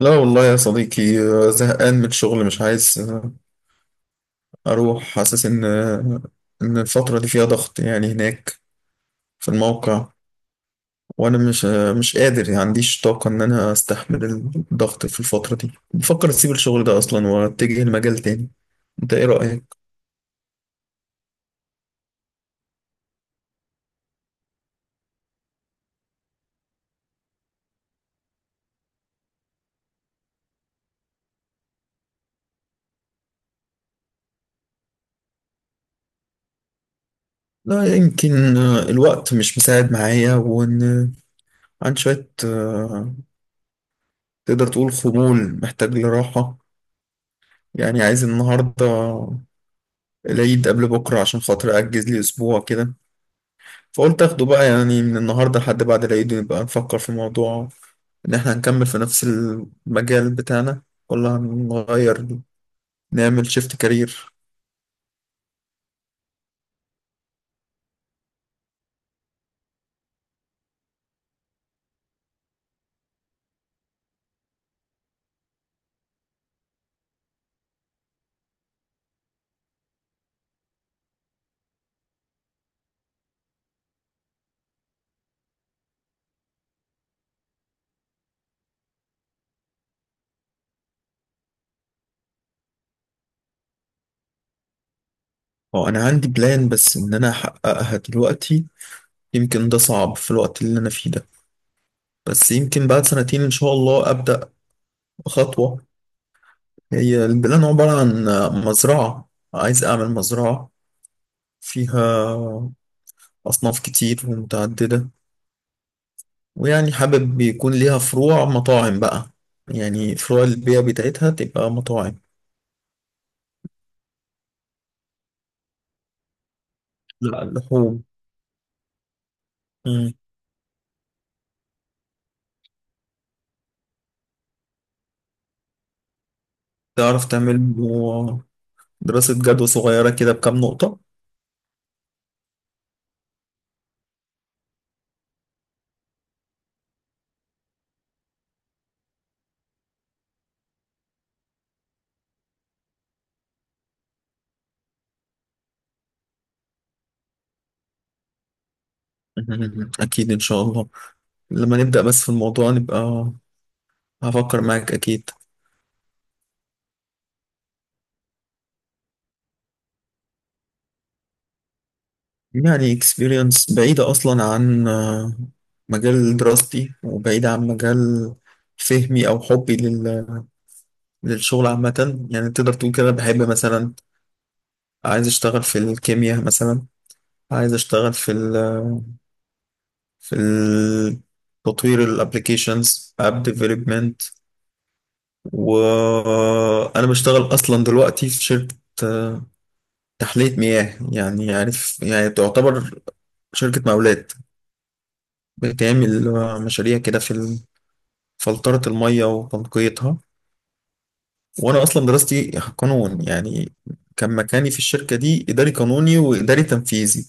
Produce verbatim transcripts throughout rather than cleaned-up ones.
لا والله يا صديقي آه، زهقان من الشغل مش عايز آه، أروح حاسس إن آه، إن الفترة دي فيها ضغط يعني هناك في الموقع وأنا مش آه، مش قادر يعني عنديش طاقة إن أنا أستحمل الضغط في الفترة دي بفكر أسيب الشغل ده أصلا وأتجه لمجال تاني. أنت إيه رأيك؟ لا يمكن آه، الوقت مش مساعد معايا وإن عن شوية آه، تقدر تقول خمول محتاج لراحة يعني عايز النهاردة العيد قبل بكرة عشان خاطر أجز لي أسبوع كده، فقلت اخده بقى يعني من النهارده لحد بعد العيد نبقى نفكر في موضوع ان احنا هنكمل في نفس المجال بتاعنا ولا هنغير نعمل شيفت كارير. اه انا عندي بلان بس ان انا احققها دلوقتي يمكن ده صعب في الوقت اللي انا فيه ده، بس يمكن بعد سنتين ان شاء الله ابدا خطوه. هي البلان عباره عن مزرعه، عايز اعمل مزرعه فيها اصناف كتير ومتعدده، ويعني حابب يكون ليها فروع مطاعم بقى، يعني فروع البيع بتاعتها تبقى مطاعم. لا لحوم. مم. تعرف تعمل له دراسة جدوى صغيرة كده بكام نقطة. مم. أكيد إن شاء الله، لما نبدأ بس في الموضوع نبقى هفكر معاك أكيد. يعني experience بعيدة أصلا عن آه، مجال دراستي وبعيدة عن مجال فهمي أو حبي لل... للشغل عامة يعني تقدر تقول كده، بحب مثلا عايز أشتغل في الكيمياء مثلا، عايز أشتغل في ال... في ال... تطوير الابليكيشنز اب ديفلوبمنت. وانا بشتغل اصلا دلوقتي في شركه آه، تحليه مياه يعني عارف، يعني تعتبر شركة مقاولات بتعمل مشاريع كده في فلترة المية وتنقيتها. وأنا أصلا دراستي قانون يعني، كان مكاني في الشركة دي إداري قانوني وإداري تنفيذي.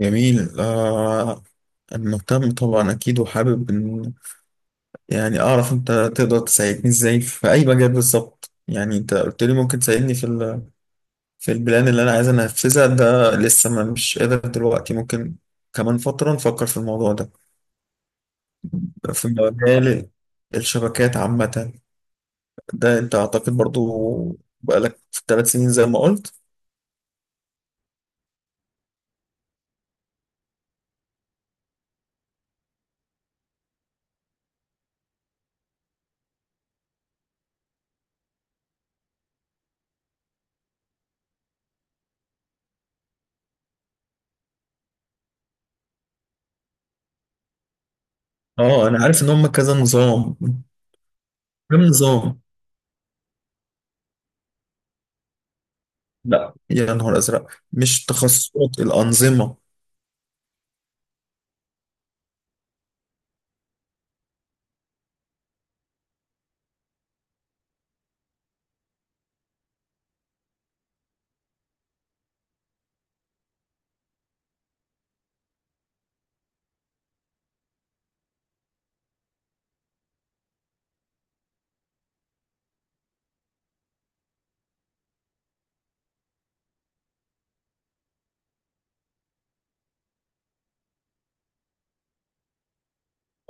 جميل آه، أنا مهتم طبعا أكيد وحابب إن يعني أعرف أنت تقدر تساعدني إزاي في أي مجال بالظبط. يعني أنت قلت لي ممكن تساعدني في ال... في البلان اللي أنا عايز أنفذها ده، لسه ما مش قادر دلوقتي، ممكن كمان فترة نفكر في الموضوع ده. في مجال الشبكات عامة، ده انت اعتقد برضو بقالك في ثلاث سنين زي ما قلت. اه انا عارف ان هم كذا نظام، كم نظام. لا يا نهار ازرق، مش تخصصات الانظمه.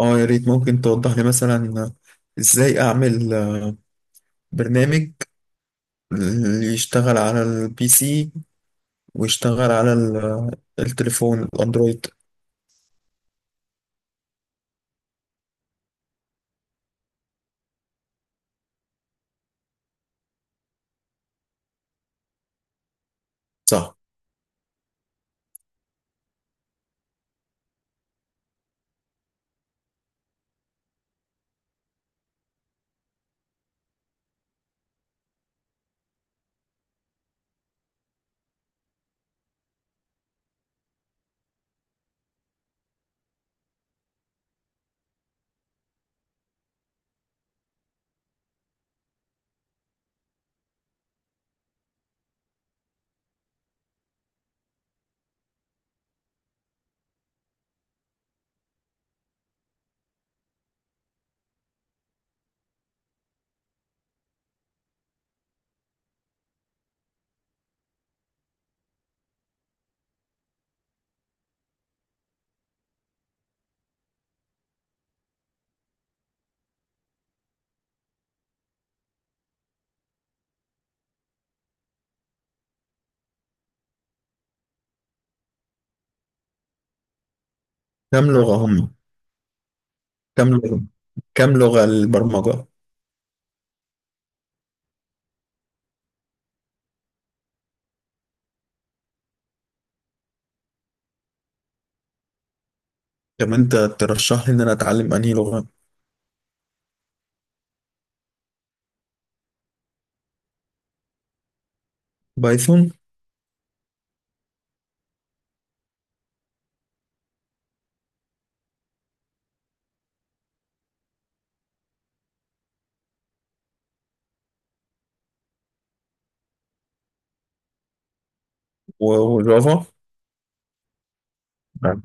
اه يا ريت ممكن توضح لي مثلا ازاي اعمل آه، برنامج اللي يشتغل على البي سي ويشتغل على ال- آه، التليفون الاندرويد. صح، كم لغه هم؟ كم لغه؟ كم لغه البرمجه؟ طب انت ترشح لي ان انا اتعلم انهي لغه؟ بايثون. و- وجافا؟ ما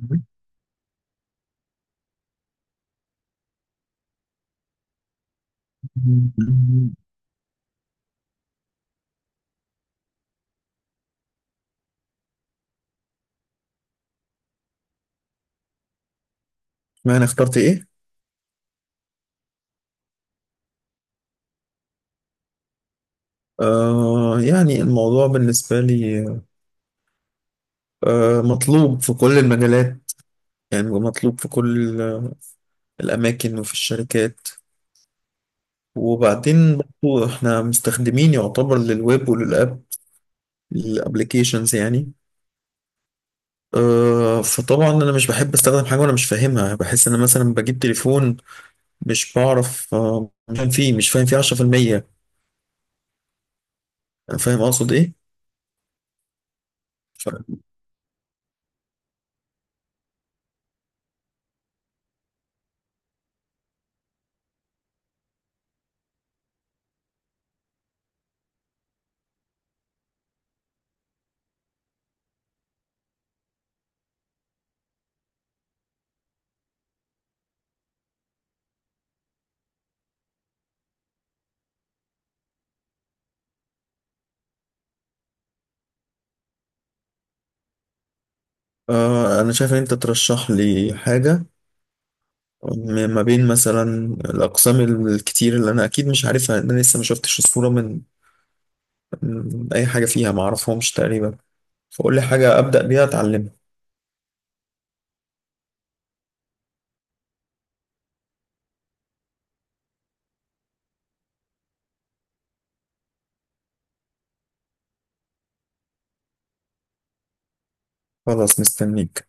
انا اخترت ايه؟ آه يعني الموضوع بالنسبة لي آه مطلوب في كل المجالات، يعني مطلوب في كل آه، الأماكن وفي الشركات. وبعدين برضو احنا مستخدمين يعتبر للويب وللأب الابليكيشنز يعني. آه فطبعا أنا مش بحب أستخدم حاجة وأنا مش فاهمها، بحس إن أنا مثلا بجيب تليفون مش بعرف، آه مش فاهم فيه مش فاهم فيه عشرة في المية. أنا فاهم أقصد إيه. ف- آه أنا شايف إن أنت ترشح لي حاجة م- ما بين مثلا الأقسام الكتير اللي أنا أكيد مش عارفها، لأن أنا لسه ما شفتش الصورة من, من أي حاجة فيها، ما أعرفهمش تقريبا. فقول لي حاجة أبدأ بيها أتعلمها. خلاص مستنيك.